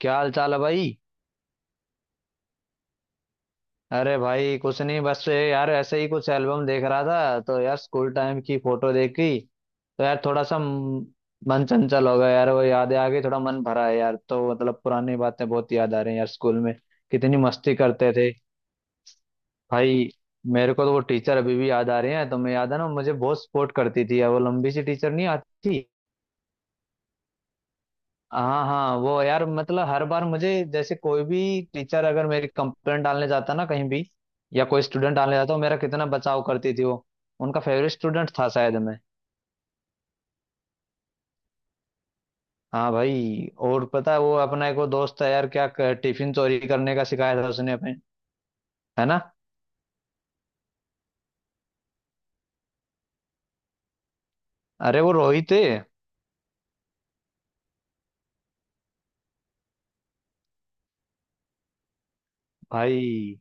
क्या हाल चाल है भाई। अरे भाई कुछ नहीं बस ये यार ऐसे ही कुछ एल्बम देख रहा था तो यार स्कूल टाइम की फोटो देखी। तो यार थोड़ा सा मन चंचल हो गया यार, वो यादें आ गई, थोड़ा मन भरा है यार। तो मतलब पुरानी बातें बहुत याद आ रही हैं यार, स्कूल में कितनी मस्ती करते थे भाई। मेरे को तो वो टीचर अभी भी याद आ रहे हैं। तो मैं, याद है ना, मुझे बहुत सपोर्ट करती थी यार वो लंबी सी टीचर, नहीं आती। हाँ हाँ वो यार, मतलब हर बार मुझे जैसे कोई भी टीचर अगर मेरी कंप्लेंट डालने जाता ना कहीं भी, या कोई स्टूडेंट डालने जाता, वो मेरा कितना बचाव करती थी वो। उनका फेवरेट स्टूडेंट था शायद मैं। हाँ भाई। और पता है वो अपना एक वो दोस्त है यार, टिफिन चोरी करने का सिखाया था उसने अपने, है ना। अरे वो रोहित है भाई।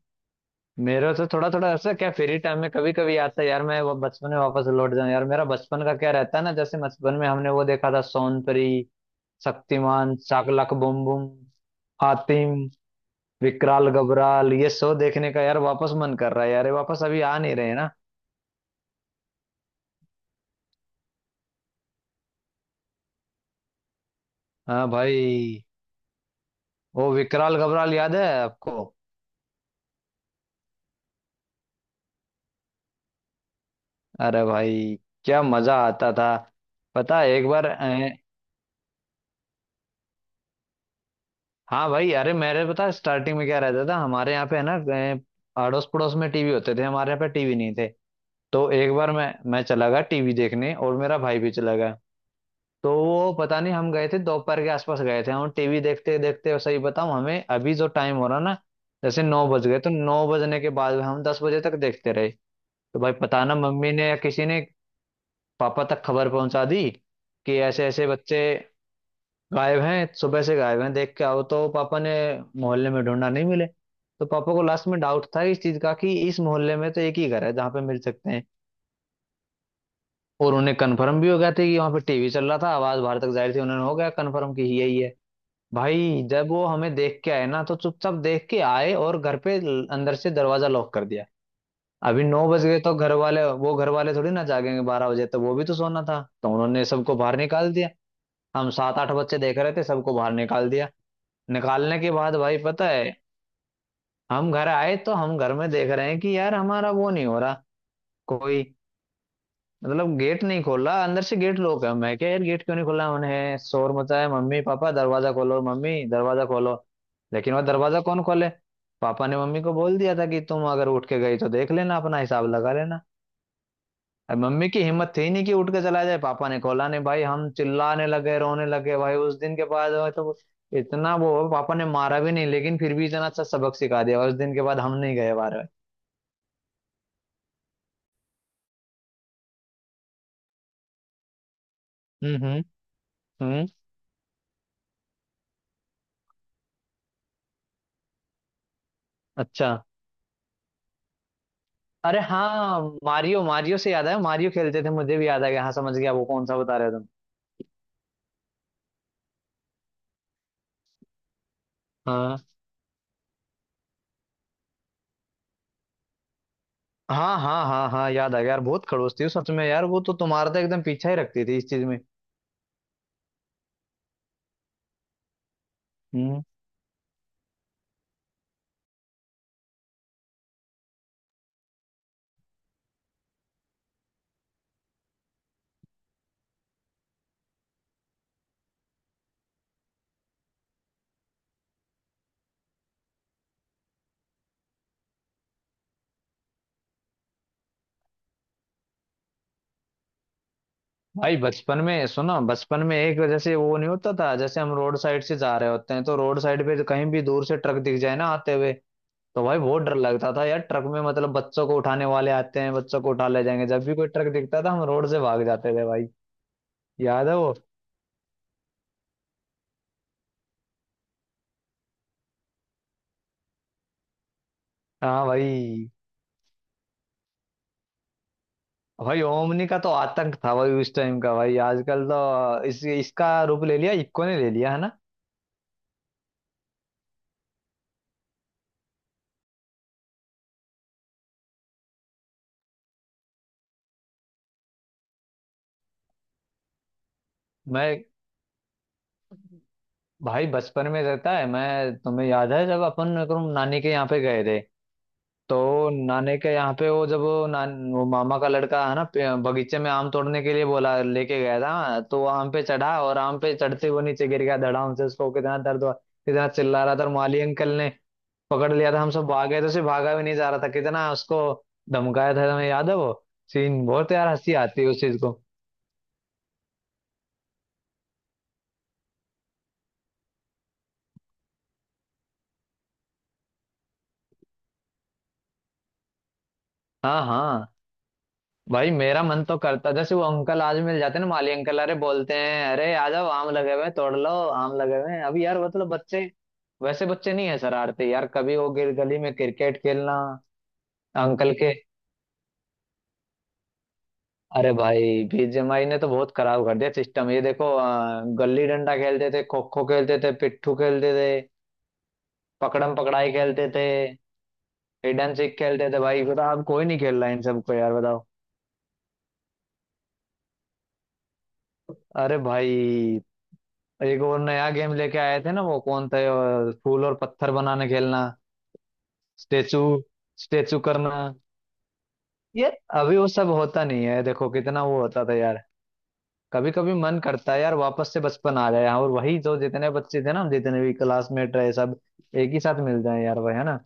मेरा तो थोड़ा थोड़ा ऐसा क्या फ्री टाइम में कभी कभी आता है यार, मैं वो बचपन में वापस लौट जाऊं यार। मेरा बचपन का क्या रहता है ना, जैसे बचपन में हमने वो देखा था सोनपरी, शक्तिमान, शाकलाक बूम बूम, हातिम, विकराल गबराल। ये शो देखने का यार वापस मन कर रहा है यार। ये वापस अभी आ नहीं रहे हैं ना। हाँ भाई। वो विकराल गबराल याद है आपको। अरे भाई क्या मजा आता था। पता है एक बार हाँ भाई। अरे मेरे, पता स्टार्टिंग में क्या रहता था हमारे यहाँ पे है ना, अड़ोस पड़ोस में टीवी होते थे, हमारे यहाँ पे टीवी नहीं थे। तो एक बार मैं चला गया टीवी देखने, और मेरा भाई भी चला गया। तो वो पता नहीं, हम गए थे दोपहर के आसपास गए थे हम। टीवी देखते देखते, सही बताऊं हमें, अभी जो टाइम हो रहा ना जैसे 9 बज गए। तो 9 बजने के बाद हम 10 बजे तक देखते रहे। तो भाई पता ना, मम्मी ने या किसी ने पापा तक खबर पहुंचा दी कि ऐसे ऐसे बच्चे गायब हैं, सुबह से गायब हैं, देख के आओ। तो पापा ने मोहल्ले में ढूंढा, नहीं मिले। तो पापा को लास्ट में डाउट था इस चीज का, कि इस मोहल्ले में तो एक ही घर है जहाँ पे मिल सकते हैं। और उन्हें कन्फर्म भी हो गया था कि वहां पे टीवी चल रहा था, आवाज बाहर तक जाहिर थी, उन्हें हो गया कन्फर्म कि यही है। भाई जब वो हमें देख के आए ना, तो चुपचाप देख के आए, और घर पे अंदर से दरवाजा लॉक कर दिया। अभी 9 बज गए, तो घर वाले, वो घर वाले थोड़ी ना जागेंगे 12 बजे, तो वो भी तो सोना था, तो उन्होंने सबको बाहर निकाल दिया। हम सात आठ बच्चे देख रहे थे, सबको बाहर निकाल दिया। निकालने के बाद भाई पता है, हम घर आए तो हम घर में देख रहे हैं कि यार हमारा वो नहीं हो रहा कोई, मतलब गेट नहीं खोला, अंदर से गेट लॉक है। मैं क्या यार, गेट क्यों नहीं खोला उन्हें, शोर मचाया, मम्मी पापा दरवाजा खोलो, मम्मी दरवाजा खोलो। लेकिन वह दरवाजा कौन खोले। पापा ने मम्मी को बोल दिया था कि तुम अगर उठ के गई तो देख लेना, अपना हिसाब लगा लेना। अब मम्मी की हिम्मत थी नहीं कि उठ के चला जाए, पापा ने खोला नहीं भाई। हम चिल्लाने लगे, रोने लगे भाई। उस दिन के बाद वो तो, इतना वो पापा ने मारा भी नहीं, लेकिन फिर भी इतना अच्छा सबक सिखा दिया, उस दिन के बाद हम नहीं गए बार। हम्म, हम्म, हम्म। अच्छा। अरे हाँ मारियो, मारियो से याद है, मारियो खेलते थे, मुझे भी याद आ गया, हाँ समझ गया वो कौन सा बता रहे हो तुम। हाँ हाँ हाँ हाँ, हाँ याद आ गया यार, बहुत खड़ूस थी वो सच में यार। वो तो तुम्हारा तो एकदम पीछा ही रखती थी इस चीज में। हम्म। भाई बचपन में सुनो, बचपन में एक जैसे वो नहीं होता था, जैसे हम रोड साइड से जा रहे होते हैं तो रोड साइड पे कहीं भी दूर से ट्रक दिख जाए ना आते हुए, तो भाई बहुत डर लगता था यार ट्रक में, मतलब बच्चों को उठाने वाले आते हैं, बच्चों को उठा ले जाएंगे, जब भी कोई ट्रक दिखता था हम रोड से भाग जाते थे भाई। याद है वो। हाँ भाई। भाई ओमनी का तो आतंक था भाई उस टाइम का। भाई आजकल तो इस इसका रूप ले लिया, इक्को ने ले लिया, है ना। मैं, भाई बचपन में रहता है, मैं तुम्हें याद है जब अपन एकदम नानी के यहाँ पे गए थे। तो नानी के यहाँ पे वो, जब वो, वो मामा का लड़का है ना, बगीचे में आम तोड़ने के लिए बोला, लेके गया था। तो वो आम पे चढ़ा, और आम पे चढ़ते हुए नीचे गिर गया धड़ाम से, उसको कितना दर्द हुआ, कितना चिल्ला रहा था, और माली अंकल ने पकड़ लिया था। हम सब भाग गए, तो उसे भागा भी नहीं जा रहा था, कितना उसको धमकाया था, तुम्हें याद है वो सीन। बहुत यार हंसी आती है उस चीज को। हाँ हाँ। भाई मेरा मन तो करता जैसे वो अंकल आज मिल जाते ना माली अंकल, अरे बोलते हैं अरे आ जाओ आम लगे हुए हैं, तोड़ लो आम लगे हुए हैं अभी यार। मतलब बच्चे वैसे बच्चे नहीं है, शरारते यार कभी, वो गिर गली में क्रिकेट खेलना अंकल के। अरे भाई बीजेएमआई ने तो बहुत खराब कर दिया सिस्टम। ये देखो गली डंडा खेलते थे, खो खो खेलते थे, पिट्ठू खेलते थे, पकड़म पकड़ाई खेलते थे, हिडन सीख खेलते थे भाई। बता, अब कोई नहीं खेल रहा है इन सबको यार, बताओ। अरे भाई एक और नया गेम लेके आए थे ना वो कौन था, फूल और पत्थर बनाने खेलना, स्टेचू स्टेचू करना ये। अभी वो सब होता नहीं है, देखो कितना वो होता था यार। कभी कभी मन करता है यार वापस से बचपन आ जाए, हाँ, और वही जो जितने बच्चे थे ना, हम जितने भी क्लासमेट रहे सब एक ही साथ मिल जाए यार भाई, है ना।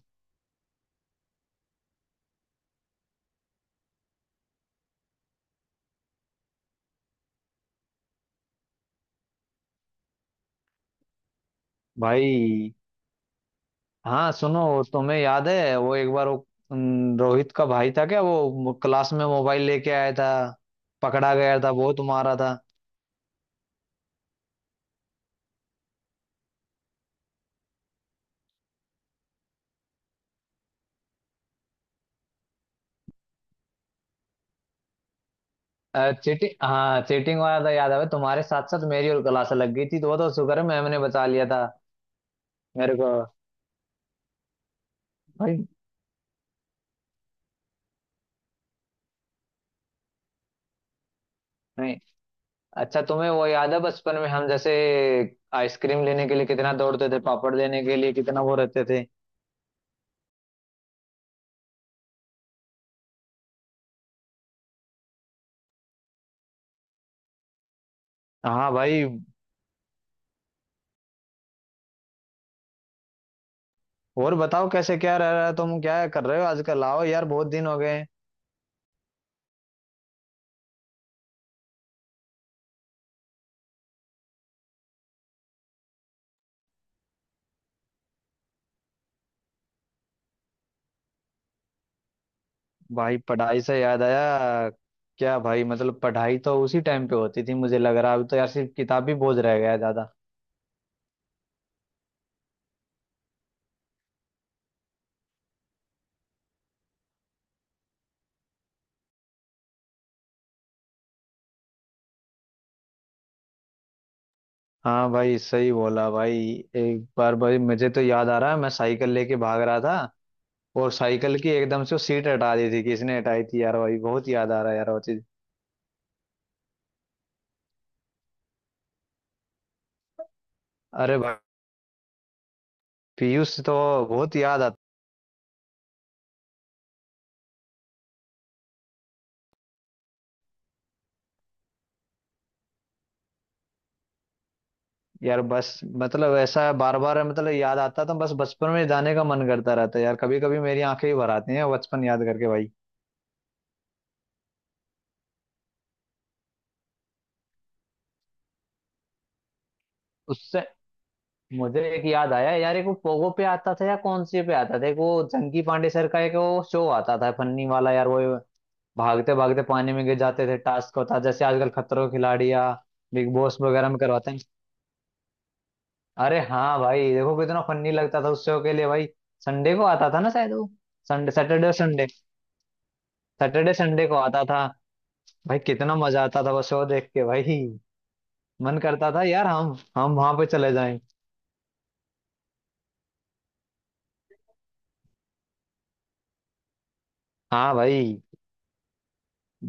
भाई। हाँ सुनो, तुम्हें याद है वो एक बार वो, रोहित का भाई था क्या वो, क्लास में मोबाइल लेके आया था, पकड़ा गया था, वो तुम्हारा था। चीटिंग, हाँ चीटिंग वाला था, याद है भाई, तुम्हारे साथ साथ मेरी और क्लास लग गई थी, तो वो तो शुक्र है मैम ने बचा लिया था मेरे को भाई। नहीं। अच्छा तुम्हें वो याद है बचपन में हम जैसे आइसक्रीम लेने के लिए कितना दौड़ते थे, पापड़ लेने के लिए कितना वो रहते थे। हाँ भाई। और बताओ कैसे, क्या रह रहा है, तुम क्या कर रहे हो आजकल, आओ यार बहुत दिन हो गए। भाई पढ़ाई से याद आया, क्या भाई मतलब पढ़ाई तो उसी टाइम पे होती थी, मुझे लग रहा है। अभी तो यार सिर्फ किताबी बोझ रह गया है ज्यादा। हाँ भाई सही बोला भाई। एक बार भाई मुझे तो याद आ रहा है, मैं साइकिल लेके भाग रहा था, और साइकिल की एकदम से वो सीट हटा दी थी, किसने हटाई थी यार भाई, बहुत याद आ रहा है यार वो चीज। अरे भाई, पीयूष तो बहुत याद आता। यार बस मतलब ऐसा बार बार मतलब याद आता, तो बस बचपन में जाने का मन करता रहता है यार। कभी कभी मेरी आंखें ही भर आती हैं बचपन याद करके भाई। उससे मुझे एक याद आया यार, एक वो पोगो पे आता था या कौन सी पे आता था एक वो, जंकी पांडे सर का एक वो शो आता था फन्नी वाला यार। वो भागते भागते पानी में गिर जाते थे, टास्क होता था, जैसे आजकल खतरों के खिलाड़ी या बिग बॉस वगैरह में करवाते हैं। अरे हाँ भाई देखो कितना फन्नी लगता था उस शो के लिए भाई। संडे को आता था ना शायद वो, संडे, सैटरडे और संडे, सैटरडे संडे को आता था। भाई कितना मजा आता था वो शो देख के भाई। मन करता था यार हम वहां पे चले जाएं। हाँ भाई।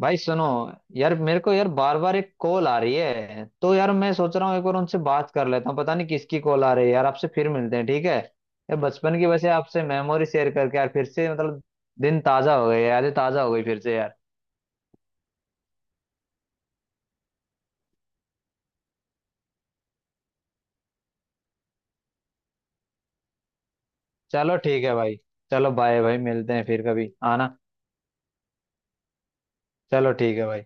भाई सुनो यार मेरे को यार, बार बार एक कॉल आ रही है, तो यार मैं सोच रहा हूँ एक बार उनसे बात कर लेता हूँ, पता नहीं किसकी कॉल आ रही है यार। आपसे फिर मिलते हैं, ठीक है यार। बचपन की वैसे आपसे मेमोरी शेयर करके यार, फिर से मतलब दिन ताजा हो गए, यादें ताजा हो गई फिर से यार। चलो ठीक है भाई। चलो बाय भाई, मिलते हैं फिर, कभी आना। चलो ठीक है भाई।